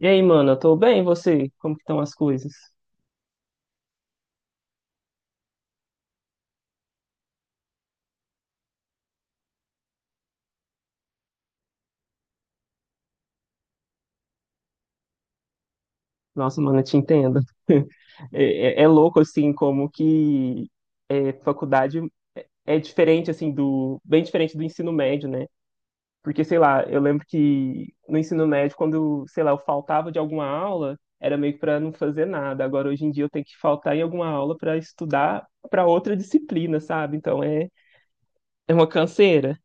E aí, mano, eu tô bem, e você? Como que estão as coisas? Nossa, mano, eu te entendo. É louco, assim, como que é, faculdade é diferente, assim, do... Bem diferente do ensino médio, né? Porque, sei lá, eu lembro que no ensino médio, quando, sei lá, eu faltava de alguma aula, era meio que pra não fazer nada. Agora, hoje em dia, eu tenho que faltar em alguma aula pra estudar pra outra disciplina, sabe? Então, é uma canseira.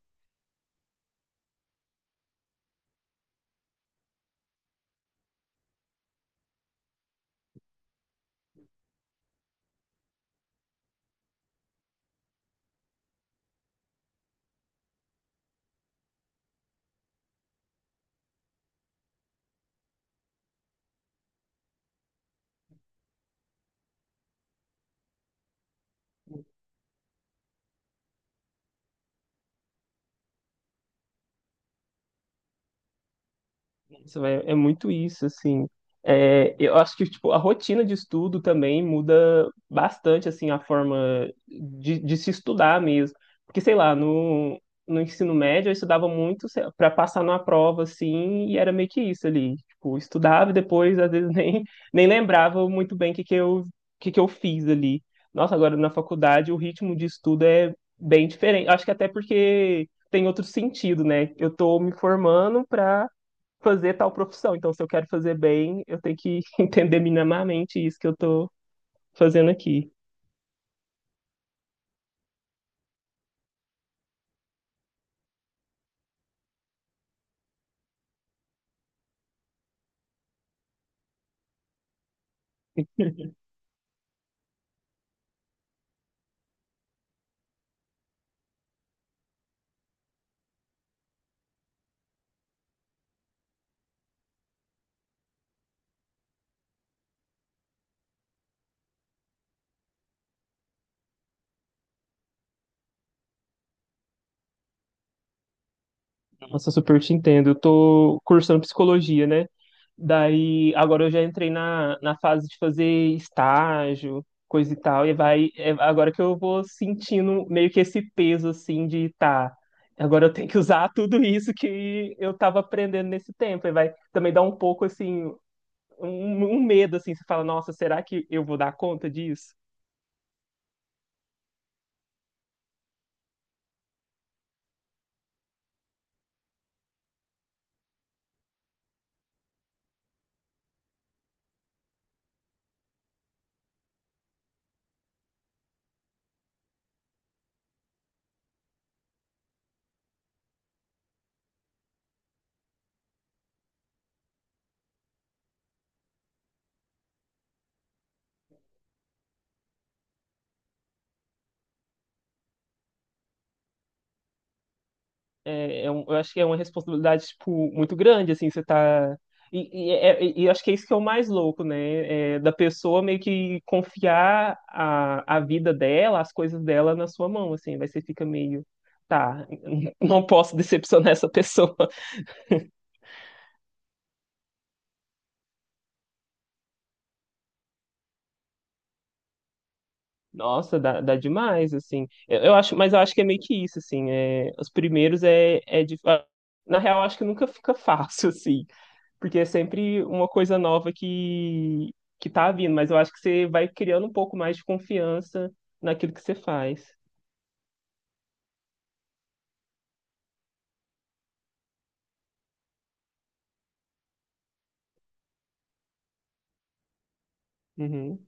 Isso, velho, é muito isso, assim. É, eu acho que tipo, a rotina de estudo também muda bastante assim a forma de se estudar mesmo. Porque, sei lá, no ensino médio eu estudava muito para passar numa prova, assim, e era meio que isso ali. Tipo, estudava e depois, às vezes, nem lembrava muito bem o que eu fiz ali. Nossa, agora na faculdade o ritmo de estudo é bem diferente. Acho que até porque tem outro sentido, né? Eu tô me formando para fazer tal profissão. Então, se eu quero fazer bem, eu tenho que entender minimamente isso que eu tô fazendo aqui. Nossa, super te entendo. Eu tô cursando psicologia, né? Daí, agora eu já entrei na fase de fazer estágio, coisa e tal, e vai, é agora que eu vou sentindo meio que esse peso, assim, de tá, agora eu tenho que usar tudo isso que eu tava aprendendo nesse tempo, e vai também dar um pouco, assim, um, um medo, assim, você fala, nossa, será que eu vou dar conta disso? Eu acho que é uma responsabilidade, tipo, muito grande, assim, você tá. E acho que é isso que é o mais louco, né? É, da pessoa meio que confiar a vida dela, as coisas dela na sua mão, assim, vai você fica meio, tá, não posso decepcionar essa pessoa. Nossa, dá demais, assim. Eu acho, mas eu acho que é meio que isso, assim, é, os primeiros é, é dif- Na real, acho que nunca fica fácil, assim, porque é sempre uma coisa nova que tá vindo, mas eu acho que você vai criando um pouco mais de confiança naquilo que você faz. Uhum,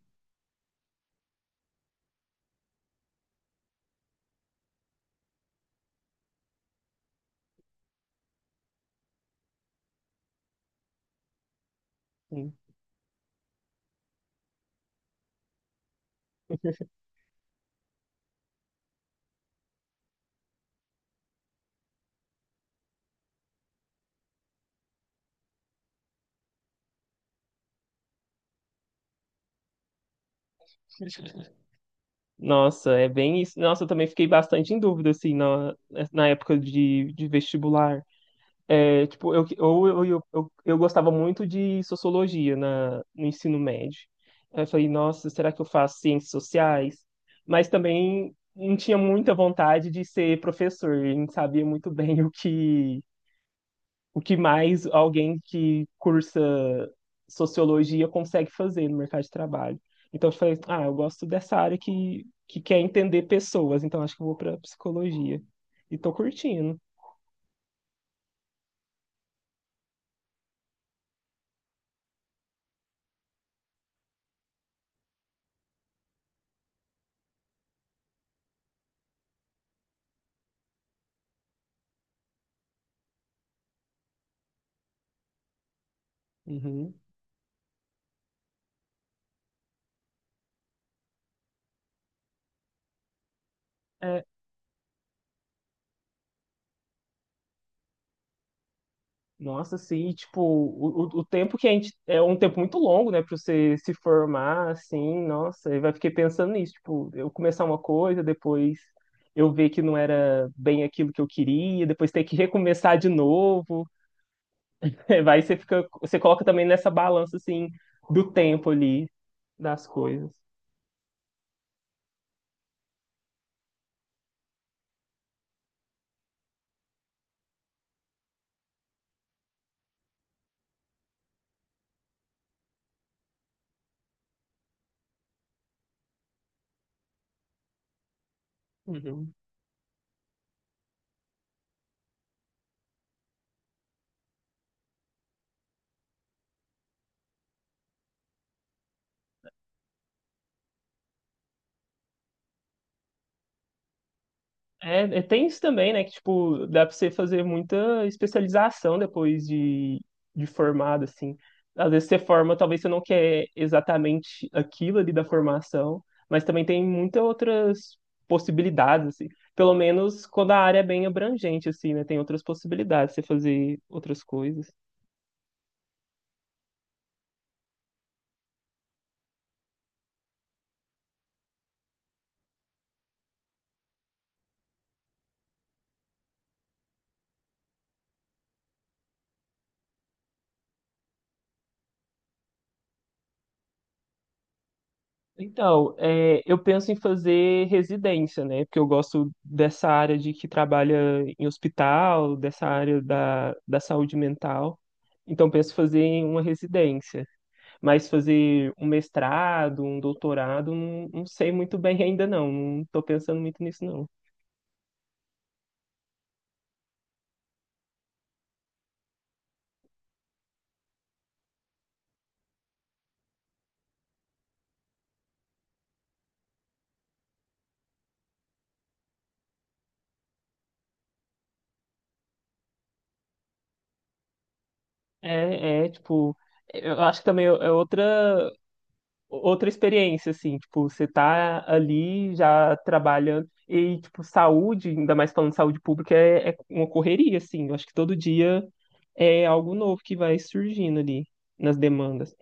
sim. Nossa, é bem isso. Nossa, eu também fiquei bastante em dúvida, assim, na, na época de vestibular. É, tipo, eu gostava muito de sociologia na, no ensino médio. Aí eu falei, nossa, será que eu faço ciências sociais? Mas também não tinha muita vontade de ser professor, eu não sabia muito bem o que mais alguém que cursa sociologia consegue fazer no mercado de trabalho. Então eu falei, ah, eu gosto dessa área que quer entender pessoas, então acho que eu vou para psicologia. E tô curtindo. Uhum. Nossa, assim, e, tipo, o tempo que a gente. É um tempo muito longo, né, pra você se formar, assim, nossa, eu vai fiquei pensando nisso, tipo, eu começar uma coisa, depois eu ver que não era bem aquilo que eu queria, depois ter que recomeçar de novo. É, vai, você fica. Você coloca também nessa balança, assim, do tempo ali, das coisas. Uhum. Tem isso também, né? Que, tipo, dá pra você fazer muita especialização depois de formado, assim. Às vezes você forma, talvez você não quer exatamente aquilo ali da formação, mas também tem muitas outras possibilidades, assim. Pelo menos quando a área é bem abrangente, assim, né? Tem outras possibilidades de você fazer outras coisas. Então, é, eu penso em fazer residência, né? Porque eu gosto dessa área de que trabalha em hospital, dessa área da saúde mental. Então, penso em fazer em uma residência. Mas fazer um mestrado, um doutorado, não, não sei muito bem ainda, não. Não estou pensando muito nisso, não. Tipo, eu acho que também é outra outra experiência, assim, tipo, você tá ali já trabalhando e, tipo, saúde, ainda mais falando de saúde pública, é uma correria, assim. Eu acho que todo dia é algo novo que vai surgindo ali nas demandas.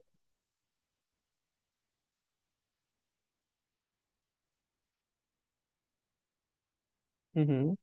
Uhum.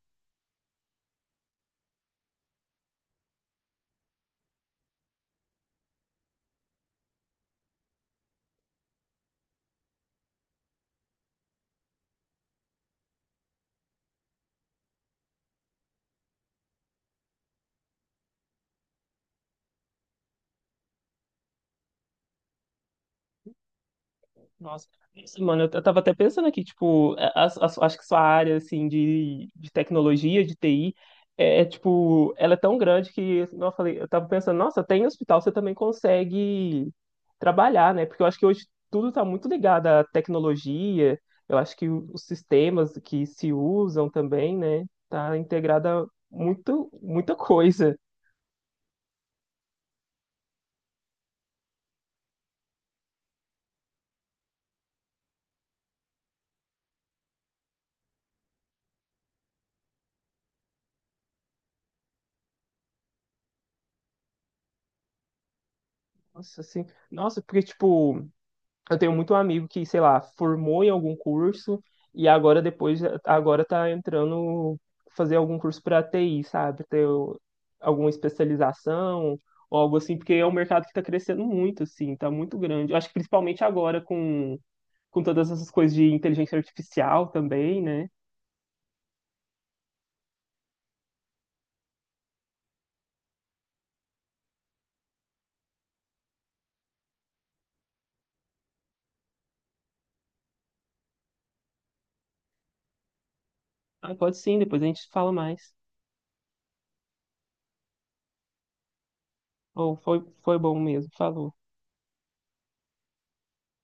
Nossa, isso, mano, eu tava até pensando aqui, tipo, acho que sua área, assim, de tecnologia, de TI, tipo, ela é tão grande que, assim, eu falei, eu tava pensando, nossa, tem hospital, você também consegue trabalhar, né? Porque eu acho que hoje tudo tá muito ligado à tecnologia, eu acho que os sistemas que se usam também, né, tá integrada muito, muita coisa. Nossa, assim, nossa, porque, tipo, eu tenho muito amigo que, sei lá, formou em algum curso e agora tá entrando fazer algum curso para TI, sabe? Alguma especialização ou algo assim, porque é um mercado que tá crescendo muito, assim, tá muito grande. Eu acho que principalmente agora com todas essas coisas de inteligência artificial também, né? Ah, pode sim, depois a gente fala mais. Ou foi bom mesmo, falou.